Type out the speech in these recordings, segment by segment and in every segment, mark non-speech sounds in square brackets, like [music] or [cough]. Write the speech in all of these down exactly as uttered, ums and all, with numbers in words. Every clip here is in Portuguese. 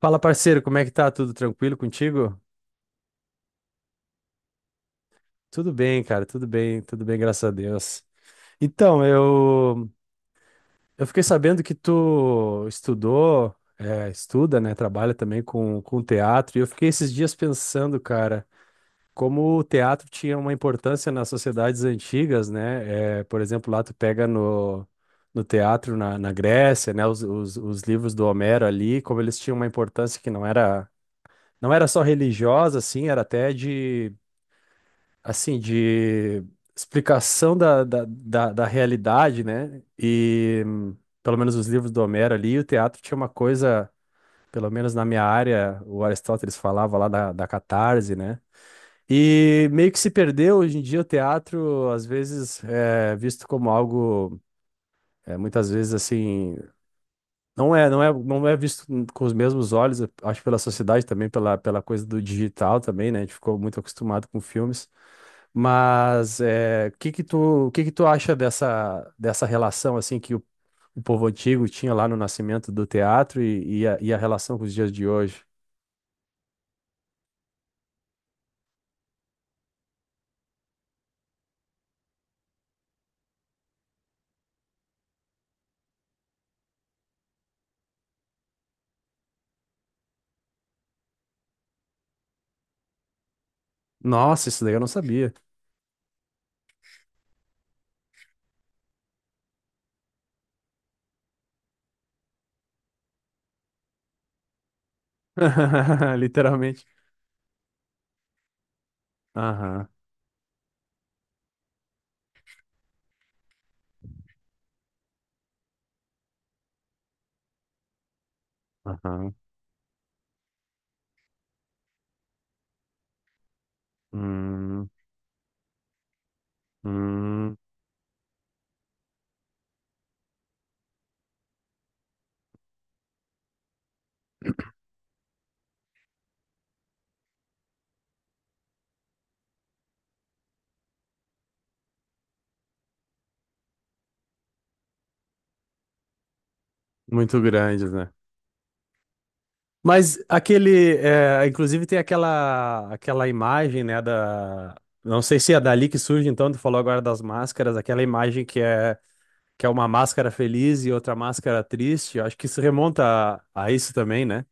Fala, parceiro, como é que tá? Tudo tranquilo contigo? Tudo bem, cara, tudo bem, tudo bem, graças a Deus. Então, eu, eu fiquei sabendo que tu estudou, é, estuda, né? Trabalha também com, com teatro, e eu fiquei esses dias pensando, cara, como o teatro tinha uma importância nas sociedades antigas, né? É, por exemplo, lá tu pega no, no teatro na, na Grécia, né? Os, os, os livros do Homero ali, como eles tinham uma importância que não era. Não era só religiosa, assim, era até de assim, de explicação da, da, da, da realidade, né? E hum, pelo menos os livros do Homero ali, o teatro tinha uma coisa, pelo menos na minha área, o Aristóteles falava lá da, da catarse, né? E meio que se perdeu hoje em dia o teatro, às vezes é visto como algo, é, muitas vezes assim, não é, não é, não é visto com os mesmos olhos, eu acho pela sociedade também, pela, pela coisa do digital também, né? A gente ficou muito acostumado com filmes. Mas é, o que que tu, o que que tu acha dessa, dessa relação assim que o, o povo antigo tinha lá no nascimento do teatro e, e a, e a relação com os dias de hoje? Nossa, isso daí eu não sabia. [laughs] Literalmente. Aham, aham. Hum, hum. Muito grandes, né? Mas aquele, é, inclusive tem aquela, aquela imagem, né, da, não sei se é dali que surge, então tu falou agora das máscaras, aquela imagem que é que é uma máscara feliz e outra máscara triste. Eu acho que isso remonta a, a isso também, né?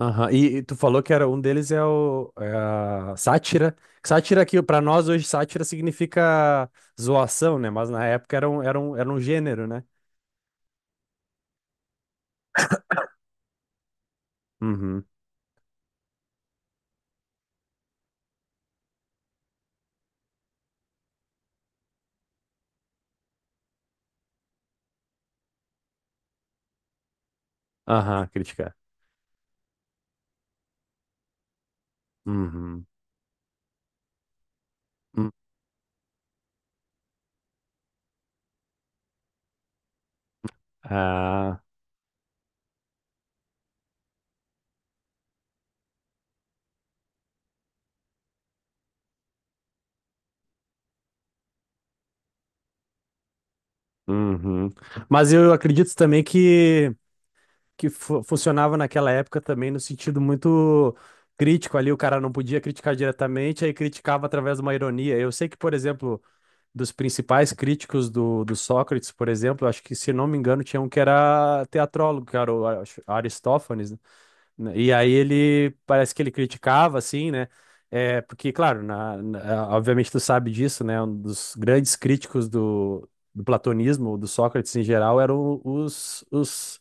Aham. E, e tu falou que era um deles é o é a sátira. Sátira que para nós hoje sátira significa zoação, né? Mas na época era um, era um, era um gênero, né? Uhum. Aham, criticar. Uhum. Hum. Ah, uhum. Mas eu acredito também que que fu- funcionava naquela época também no sentido muito crítico ali, o cara não podia criticar diretamente, aí criticava através de uma ironia. Eu sei que, por exemplo, dos principais críticos do, do Sócrates, por exemplo, acho que, se não me engano, tinha um que era teatrólogo, que era o Ar- Aristófanes, né? E aí ele, parece que ele criticava, assim, né? É, porque, claro, na, na- obviamente tu sabe disso, né? Um dos grandes críticos do, do platonismo, do Sócrates em geral, eram os, os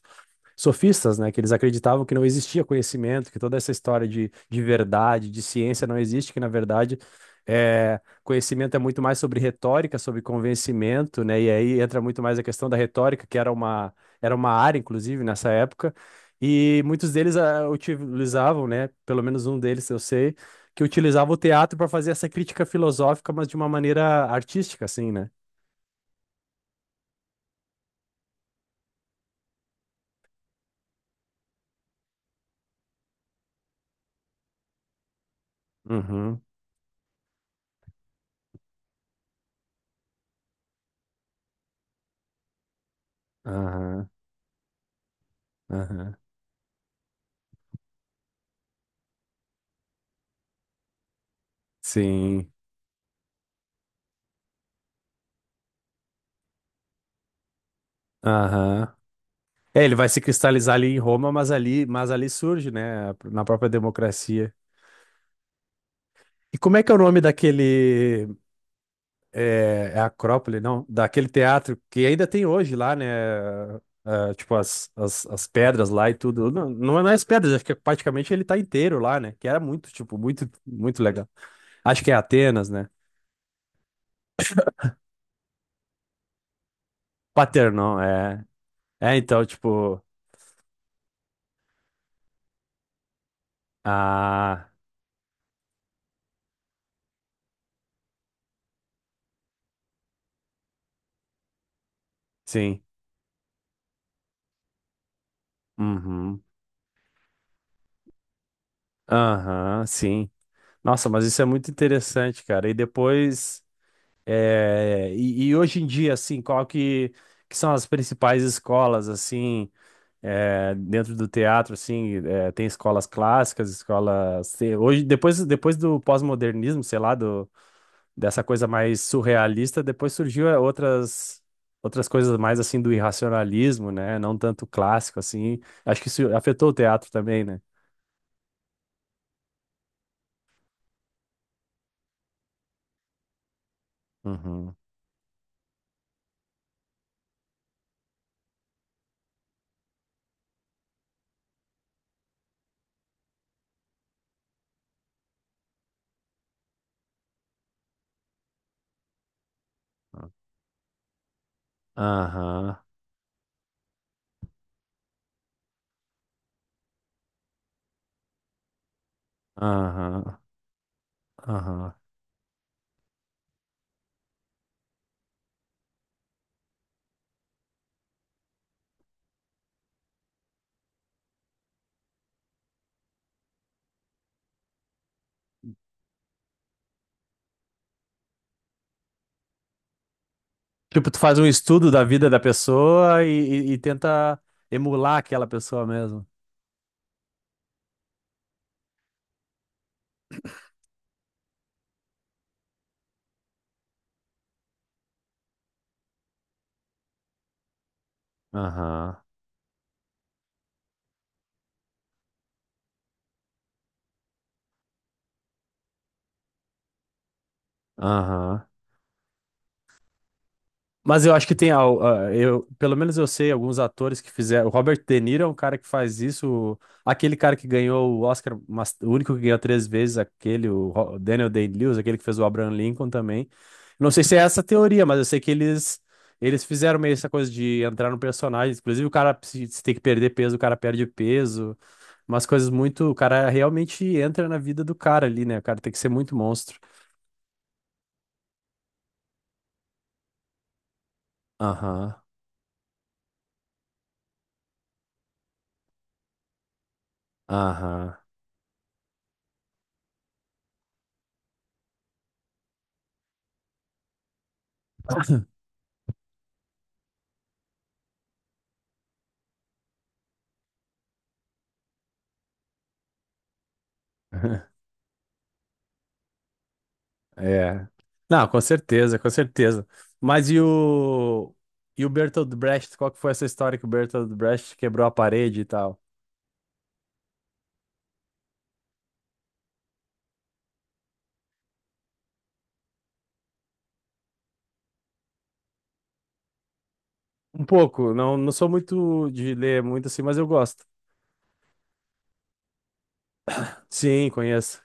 sofistas, né? Que eles acreditavam que não existia conhecimento, que toda essa história de, de verdade, de ciência não existe, que na verdade é, conhecimento é muito mais sobre retórica, sobre convencimento, né? E aí entra muito mais a questão da retórica, que era uma, era uma área, inclusive, nessa época. E muitos deles ah, utilizavam, né? Pelo menos um deles eu sei, que utilizava o teatro para fazer essa crítica filosófica, mas de uma maneira artística, assim, né? Uhum, aham, aham, sim, aham. É, ele vai se cristalizar ali em Roma, mas ali, mas ali, surge, né, na própria democracia. E como é que é o nome daquele, é, é Acrópole, não? Daquele teatro que ainda tem hoje lá, né, ah, tipo as, as, as pedras lá e tudo. Não, não é não é as pedras, acho que é praticamente ele tá inteiro lá, né, que era muito, tipo, muito, muito legal. Acho que é Atenas, né? Paternon, é. É, então, tipo, ah, sim, uhum, aham, sim. Nossa, mas isso é muito interessante, cara. E depois, é, e, e hoje em dia, assim, qual que, que são as principais escolas, assim, é, dentro do teatro, assim, é, tem escolas clássicas, escolas... se- Hoje, depois, depois do pós-modernismo, sei lá, do, dessa coisa mais surrealista, depois surgiu é, outras, outras coisas mais, assim, do irracionalismo, né? Não tanto clássico, assim. Acho que isso afetou o teatro também, né? Uhum. Aham, aham, aham. Tipo, tu faz um estudo da vida da pessoa e, e- e tenta emular aquela pessoa mesmo. Aham, aham. Mas eu acho que tem al- ah, eu, pelo menos eu sei alguns atores que fizeram. O Robert De Niro é um cara que faz isso. Aquele cara que ganhou o Oscar, mas- o único que ganhou três vezes, aquele, o Ro- Daniel Day-Lewis, aquele que fez o Abraham Lincoln também. Não sei se é essa a teoria, mas eu sei que eles eles fizeram meio essa coisa de entrar no personagem. Inclusive, o cara, se, se tem que perder peso, o cara perde peso. Umas coisas muito. O cara realmente entra na vida do cara ali, né? O cara tem que ser muito monstro. Aham, aham. [laughs] É. Não, com certeza, com certeza. Mas e o e o Bertolt Brecht, qual que foi essa história que o Bertolt Brecht quebrou a parede e tal? Um pouco, não, não sou muito de ler muito assim, mas eu gosto. Sim, conheço.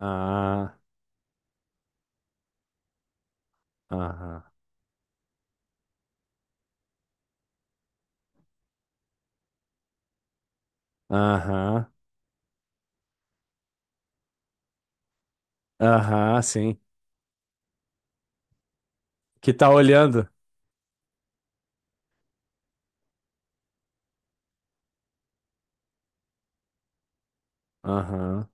Ah, aham, aham, aham, sim. Que tá olhando. Aham.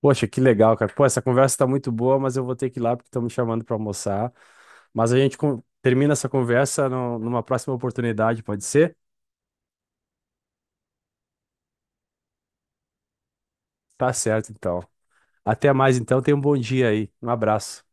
Poxa, que legal, cara. Pô, essa conversa tá muito boa, mas eu vou ter que ir lá porque estão me chamando pra almoçar. Mas a gente con- termina essa conversa no- numa próxima oportunidade, pode ser? Tá certo, então. Até mais então, tenha um bom dia aí. Um abraço.